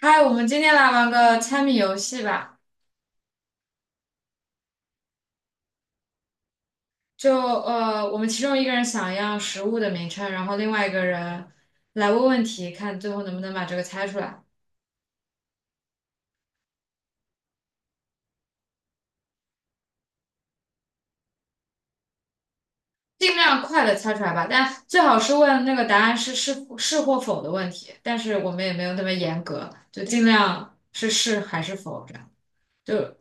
嗨，我们今天来玩个猜谜游戏吧。就我们其中一个人想要食物的名称，然后另外一个人来问问题，看最后能不能把这个猜出来，尽量快的猜出来吧。但最好是问那个答案是是或否的问题，但是我们也没有那么严格，就尽量是还是否这样。就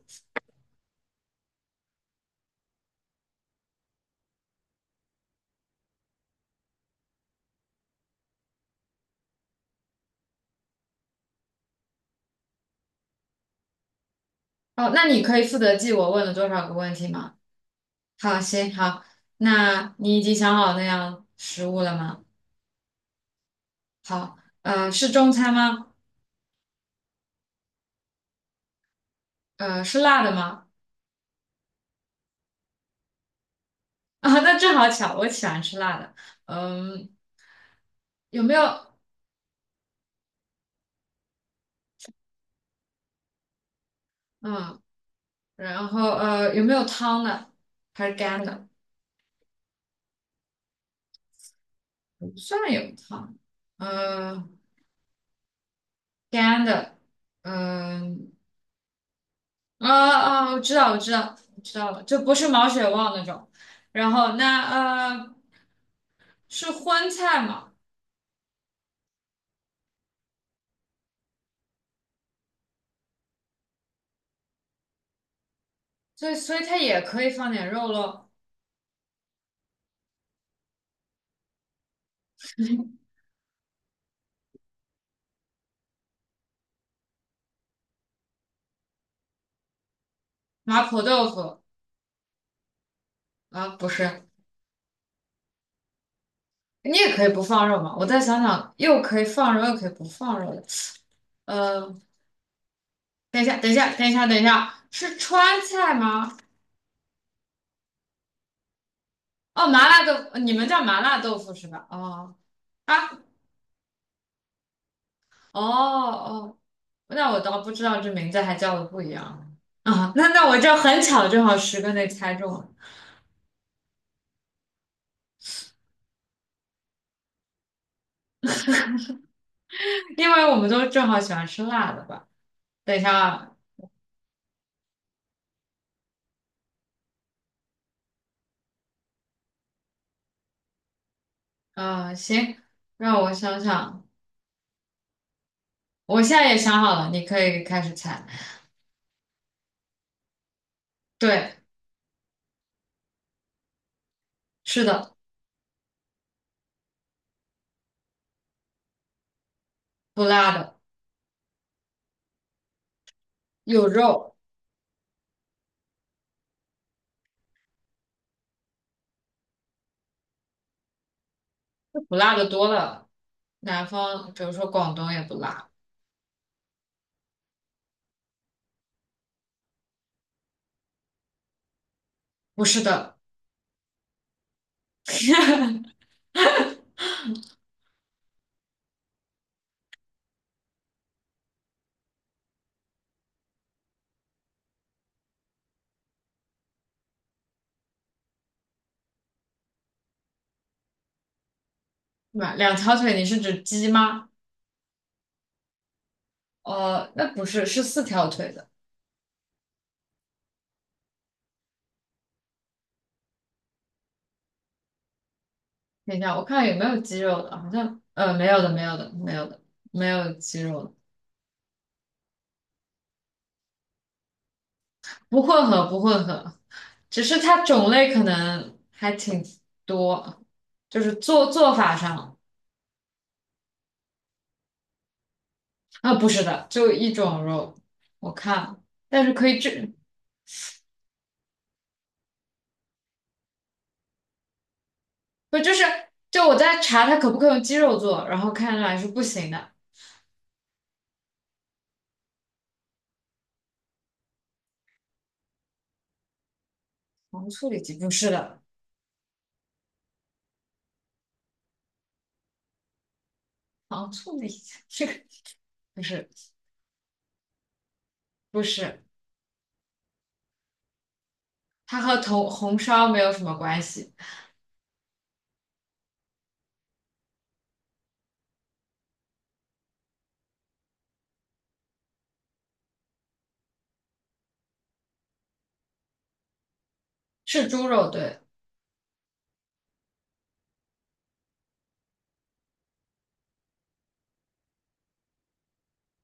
哦，那你可以负责记我问了多少个问题吗？好，行，好，那你已经想好那样食物了吗？好，是中餐吗？是辣的吗？啊，那正好巧，我喜欢吃辣的。嗯，有没有？嗯，然后有没有汤的？还是干的？不算有汤。呃，干的。嗯，啊我知道，我知道，我知道了，就不是毛血旺那种。然后是荤菜嘛？所以它也可以放点肉咯。麻婆豆腐啊，不是。你也可以不放肉嘛。我再想想，又可以放肉，又可以不放肉的。呃，等一下，等一下，等一下，等一下，是川菜吗？哦，麻辣豆腐，你们叫麻辣豆腐是吧？哦啊，哦哦，那我倒不知道这名字还叫的不一样啊。那我这很巧，正好10个内猜中了，因为我们都正好喜欢吃辣的吧。等一下啊，行，让我想想，我现在也想好了，你可以开始猜。对，是的，不辣的，有肉。不辣的多了。南方，比如说广东也不辣，不是的。两条腿，你是指鸡吗？哦，那不是，是四条腿的。等一下，我看有没有鸡肉的，好像没有的，没有的，没有的，没有鸡肉的，不混合，不混合，只是它种类可能还挺多，就是做法上啊，不是的，就一种肉，我看，但是可以这不就是就我在查它可不可以用鸡肉做，然后看来是不行的。糖醋里脊不是的，糖醋里脊这个不是不是，它和红烧没有什么关系，是猪肉对，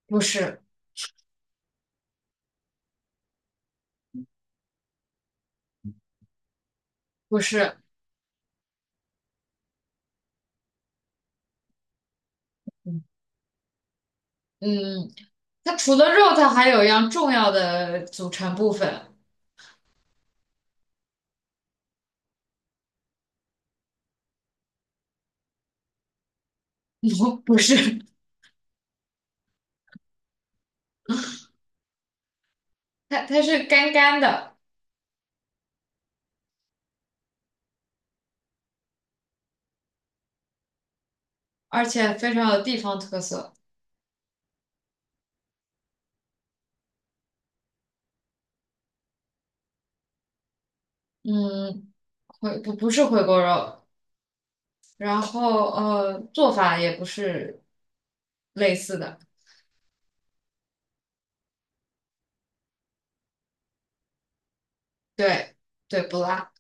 不是不是，嗯嗯，它除了肉，它还有一样重要的组成部分，不是，它是干干的，而且非常有地方特色，嗯，回不不是回锅肉。然后做法也不是类似的，对对，不辣。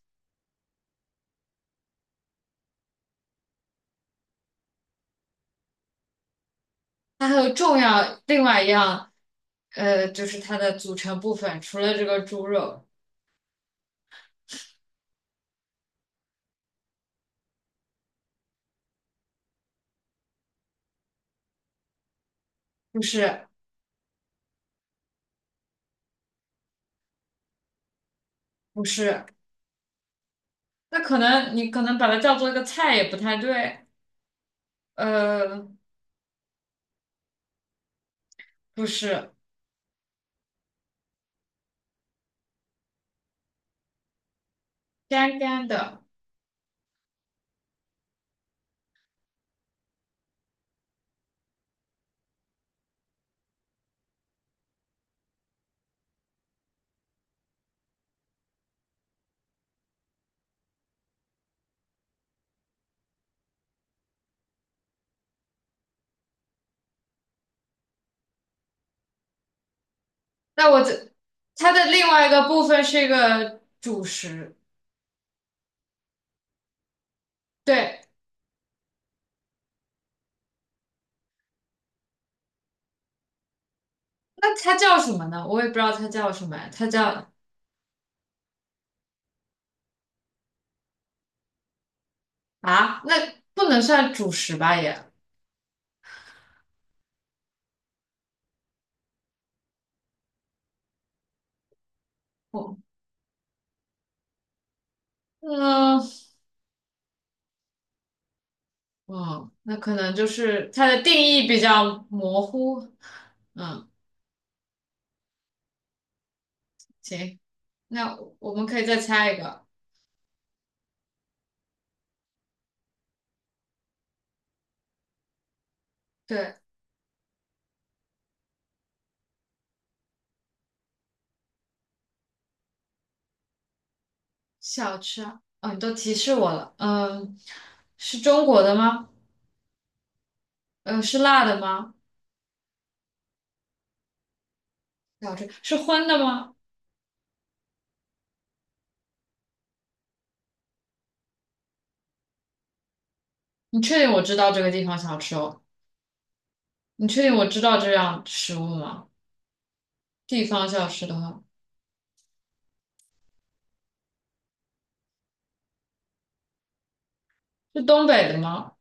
它还有重要另外一样，就是它的组成部分，除了这个猪肉，不是不是，那可能你可能把它叫做一个菜也不太对，呃，不是干干的。那我这它的另外一个部分是一个主食，对。那它叫什么呢？我也不知道它叫什么呀它叫啊，那不能算主食吧也。我嗯哦，那可能就是它的定义比较模糊。嗯，行，那我们可以再猜一个。对，小吃啊，哦，你都提示我了。嗯，是中国的吗？嗯，是辣的吗？小吃是荤的吗？你确定我知道这个地方小吃哦？你确定我知道这样食物吗？地方小吃的话，是东北的吗？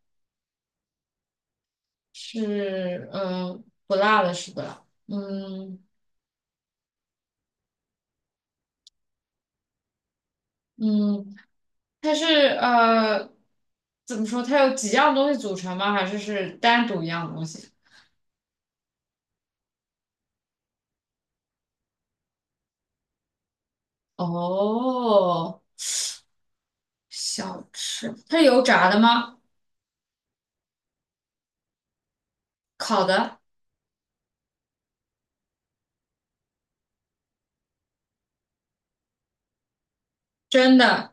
是，嗯，不辣的是不辣？嗯嗯。它是呃，怎么说？它有几样东西组成吗？还是单独一样东西？哦，小吃，它是油炸的吗？烤的，真的，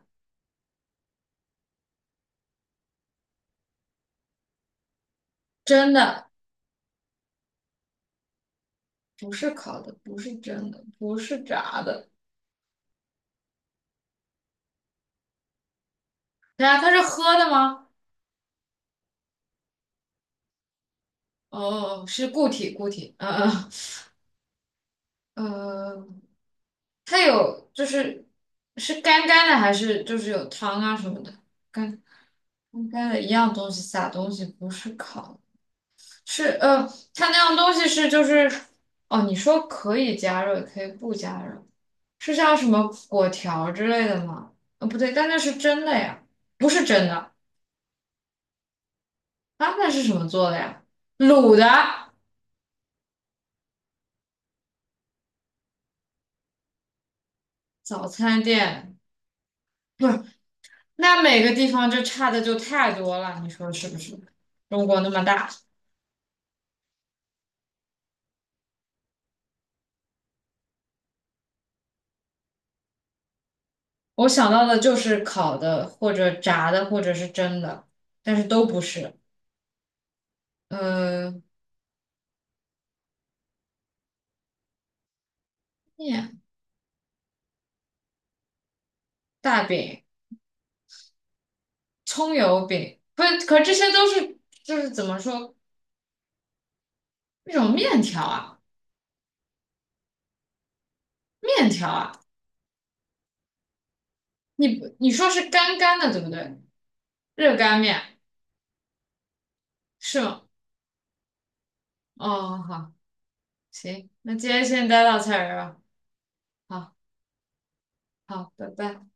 真的，不是烤的，不是真的，不是炸的。对啊，它是喝的吗？哦，是固体，固体。嗯嗯，它有就是干干的，还是就是有汤啊什么的？干干干的一样东西撒东西，不是烤。是呃，它那样东西是就是哦，你说可以加热，也可以不加热，是像什么果条之类的吗？不对，但那是真的呀，不是真的啊，那是什么做的呀？卤的早餐店，不是，那每个地方就差的就太多了，你说是不是？中国那么大，我想到的就是烤的或者炸的或者是蒸的，但是都不是。嗯，面大饼。葱油饼，可这些都是就是怎么说那种面条啊，面条啊，你不你说是干干的对不对？热干面是吗？哦，好，行，那今天先待到这儿吧。好好，拜拜。